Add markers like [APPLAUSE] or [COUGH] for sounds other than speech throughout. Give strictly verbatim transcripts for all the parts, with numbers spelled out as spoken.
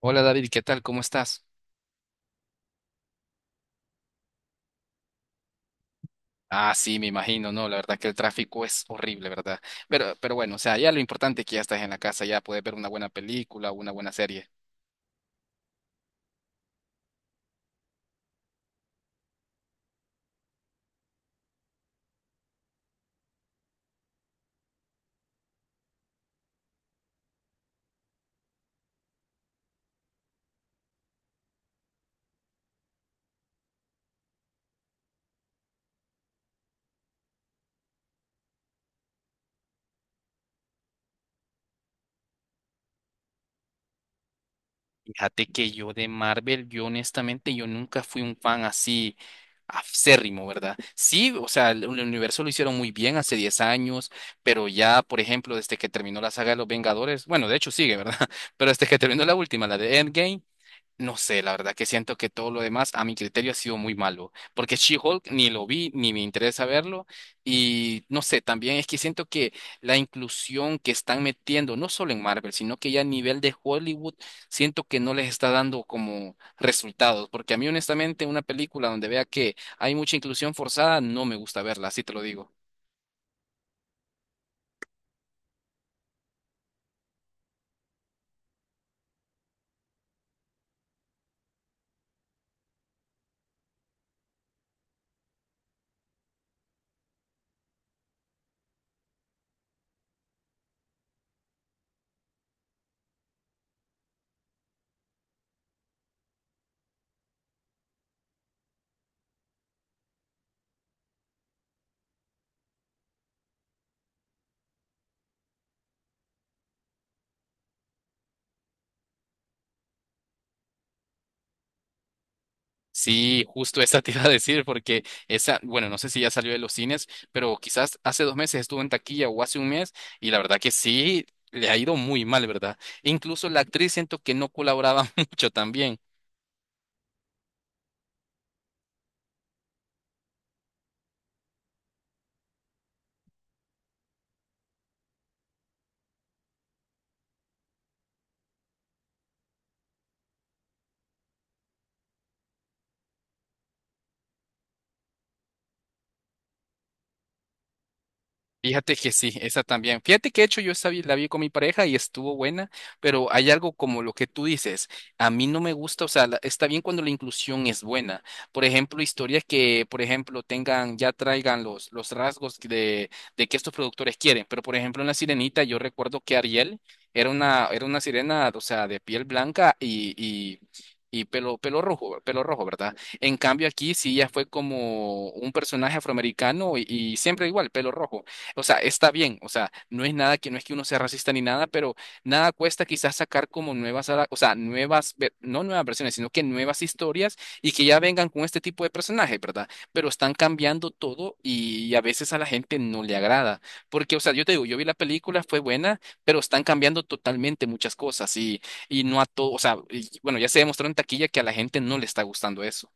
Hola David, ¿qué tal? ¿Cómo estás? Ah, sí, me imagino, no, la verdad que el tráfico es horrible, ¿verdad? Pero, pero bueno, o sea, ya lo importante es que ya estás en la casa, ya puedes ver una buena película, una buena serie. Fíjate que yo de Marvel, yo honestamente, yo nunca fui un fan así acérrimo, ¿verdad? Sí, o sea, el, el universo lo hicieron muy bien hace diez años, pero ya, por ejemplo, desde que terminó la saga de los Vengadores, bueno, de hecho sigue, ¿verdad? [LAUGHS] Pero desde que terminó la última, la de Endgame. No sé, la verdad que siento que todo lo demás a mi criterio ha sido muy malo, porque She-Hulk ni lo vi ni me interesa verlo y no sé, también es que siento que la inclusión que están metiendo, no solo en Marvel, sino que ya a nivel de Hollywood, siento que no les está dando como resultados, porque a mí honestamente una película donde vea que hay mucha inclusión forzada, no me gusta verla, así te lo digo. Sí, justo esa te iba a decir, porque esa, bueno, no sé si ya salió de los cines, pero quizás hace dos meses estuvo en taquilla o hace un mes, y la verdad que sí, le ha ido muy mal, ¿verdad? E incluso la actriz siento que no colaboraba [LAUGHS] mucho también. Fíjate que sí, esa también. Fíjate que de hecho yo esa vi- la vi con mi pareja y estuvo buena, pero hay algo como lo que tú dices, a mí no me gusta, o sea, la- está bien cuando la inclusión es buena. Por ejemplo, historias que, por ejemplo, tengan, ya traigan los, los rasgos de, de que estos productores quieren, pero por ejemplo en La Sirenita yo recuerdo que Ariel era una, era una sirena, o sea, de piel blanca y... y Y pelo, pelo rojo, pelo rojo, ¿verdad? En cambio aquí sí ya fue como un personaje afroamericano y y siempre igual, pelo rojo. O sea, está bien, o sea, no es nada que no es que uno sea racista ni nada, pero nada cuesta quizás sacar como nuevas, a o sea, nuevas, ve- no nuevas versiones, sino que nuevas historias y que ya vengan con este tipo de personajes, ¿verdad? Pero están cambiando todo y a veces a la gente no le agrada, porque, o sea, yo te digo, yo vi la película, fue buena, pero están cambiando totalmente muchas cosas y, y no a todo, o sea, y, bueno, ya se demostró en taquilla que a la gente no le está gustando eso.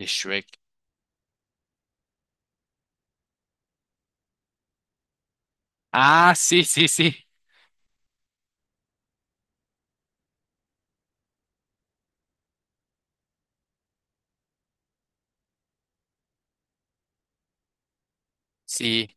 De Shrek. Ah, sí, sí, sí. Sí.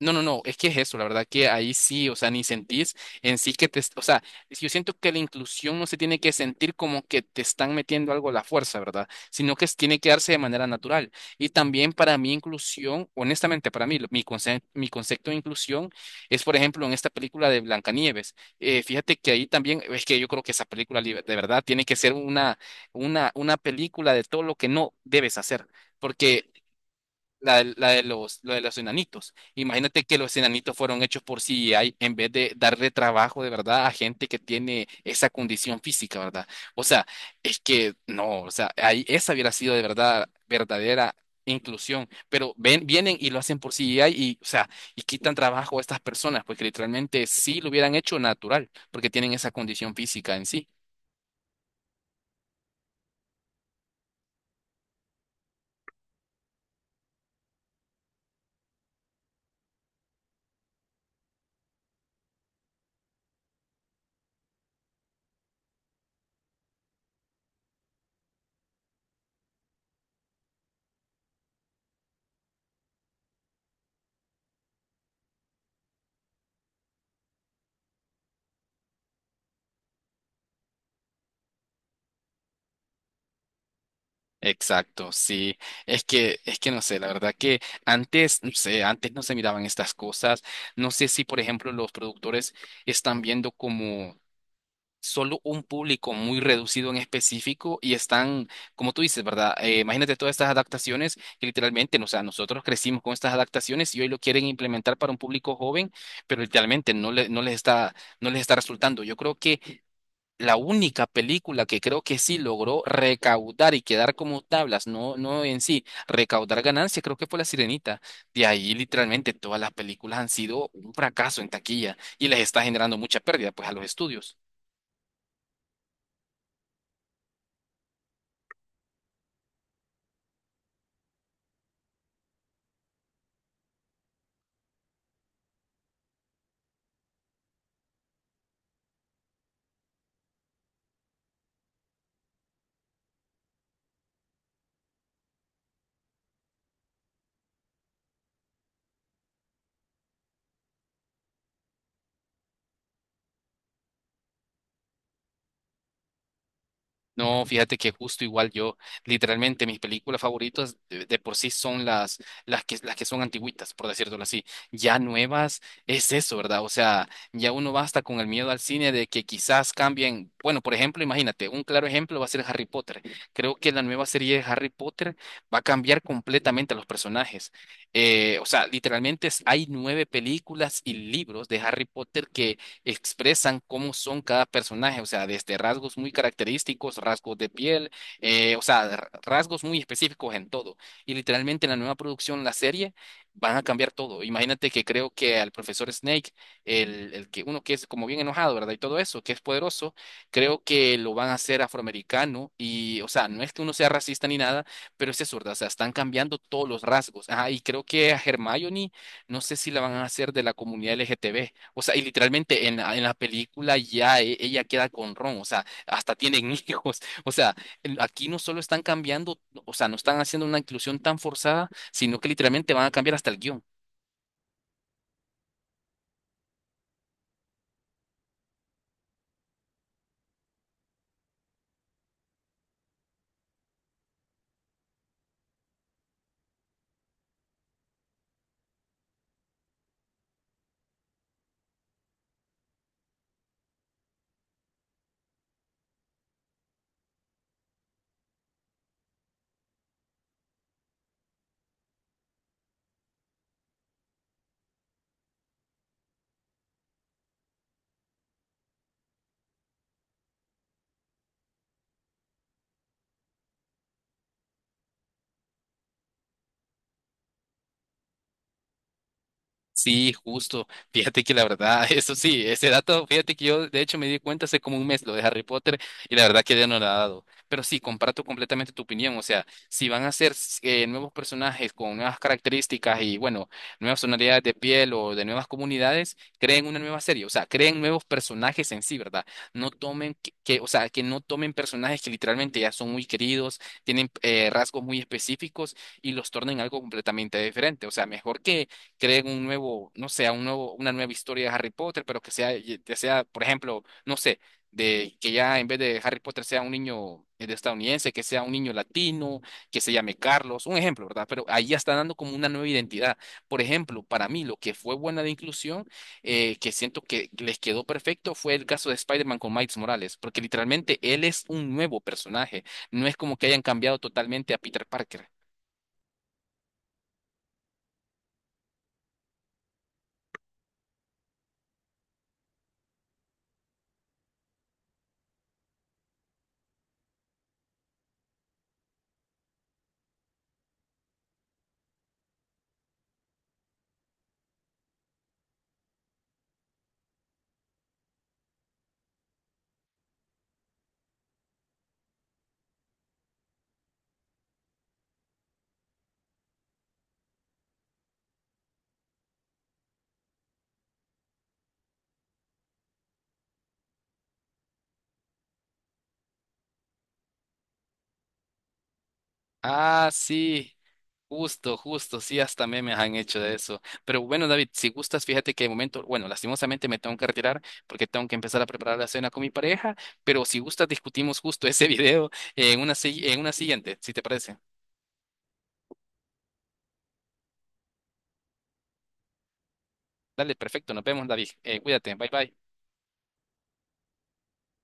No, no, no, es que es eso, la verdad que ahí sí, o sea, ni sentís en sí que te, o sea, si yo siento que la inclusión no se tiene que sentir como que te están metiendo algo a la fuerza, ¿verdad? Sino que es- tiene que darse de manera natural. Y también para mí inclusión, honestamente, para mí, lo- mi conce- mi concepto de inclusión es, por ejemplo, en esta película de Blancanieves. Eh, fíjate que ahí también, es que yo creo que esa película li- de verdad tiene que ser una, una, una película de todo lo que no debes hacer. La, de la de los, lo de los enanitos. Imagínate que los enanitos fueron hechos por C G I en vez de darle trabajo de verdad a gente que tiene esa condición física, ¿verdad? O sea, es que no, o sea, ahí esa hubiera sido de verdad verdadera inclusión, pero ven, vienen y lo hacen por C G I y, o sea, y quitan trabajo a estas personas, porque literalmente sí lo hubieran hecho natural, porque tienen esa condición física en sí. Exacto, sí. Es que, es que no sé, la verdad que antes, no sé, antes no se miraban estas cosas. No sé si, por ejemplo, los productores están viendo como solo un público muy reducido en específico y están, como tú dices, ¿verdad? Eh, imagínate todas estas adaptaciones que literalmente, no, o sea, nosotros crecimos con estas adaptaciones y hoy lo quieren implementar para un público joven, pero literalmente no le, no les está, no les está resultando. Yo creo que la única película que creo que sí logró recaudar y quedar como tablas, no, no en sí, recaudar ganancias, creo que fue La Sirenita. De ahí literalmente todas las películas han sido un fracaso en taquilla y les está generando mucha pérdida pues a los estudios. No, fíjate que justo igual yo, literalmente mis películas favoritas de, de por sí son las, las que, las que son antigüitas, por decirlo así. Ya nuevas es eso, ¿verdad? O sea, ya uno va hasta con el miedo al cine de que quizás cambien. Bueno, por ejemplo, imagínate, un claro ejemplo va a ser Harry Potter. Creo que la nueva serie de Harry Potter va a cambiar completamente a los personajes. Eh, o sea, literalmente es- hay nueve películas y libros de Harry Potter que expresan cómo son cada personaje, o sea, desde rasgos muy característicos, rasgos de piel, eh, o sea, r- rasgos muy específicos en todo. Y literalmente en la nueva producción, la serie, van a cambiar todo. Imagínate que creo que al profesor Snake, el, el que uno que es como bien enojado, ¿verdad? Y todo eso, que es poderoso, creo que lo van a hacer afroamericano y, o sea, no es que uno sea racista ni nada, pero es eso, ¿verdad? O sea, están cambiando todos los rasgos. Ajá, y creo que a Hermione, no sé si la van a hacer de la comunidad L G T B. O sea, y literalmente en, la- en la película ya e- ella queda con Ron, o sea, hasta tienen [LAUGHS] hijos. O sea, el- aquí no solo están cambiando, o sea, no están haciendo una inclusión tan forzada, sino que literalmente van a cambiar hasta el guión. Sí, justo. [LAUGHS] Fíjate que la verdad, [LAUGHS] eso sí, ese dato, fíjate que yo de hecho me di cuenta hace como un mes lo de Harry Potter y la verdad que ya no lo ha dado. Pero sí, comparto completamente tu opinión. O sea, si van a ser eh, nuevos personajes con nuevas características y bueno, nuevas tonalidades de piel o de nuevas comunidades, creen una nueva serie. O sea, creen nuevos personajes en sí, ¿verdad? No tomen que, que- o sea, que no tomen personajes que literalmente ya son muy queridos, tienen eh, rasgos muy específicos y los tornen algo completamente diferente. O sea, mejor que creen un nuevo, no sé, un nuevo, una nueva historia de Harry Potter, pero que sea, que sea, por ejemplo, no sé, de que ya en vez de Harry Potter sea un niño eh, de estadounidense, que sea un niño latino, que se llame Carlos, un ejemplo, ¿verdad? Pero ahí ya está dando como una nueva identidad. Por ejemplo, para mí lo que fue buena de inclusión, eh, que siento que les quedó perfecto, fue el caso de Spider-Man con Miles Morales, porque literalmente él es un nuevo personaje, no es como que hayan cambiado totalmente a Peter Parker. Ah, sí, justo, justo, sí, hasta memes han hecho de eso. Pero bueno, David, si gustas, fíjate que de momento, bueno, lastimosamente me tengo que retirar porque tengo que empezar a preparar la cena con mi pareja, pero si gustas, discutimos justo ese [LAUGHS] video en una, si- en una siguiente, si te parece. Dale, perfecto, nos vemos, David. Eh, cuídate, bye bye.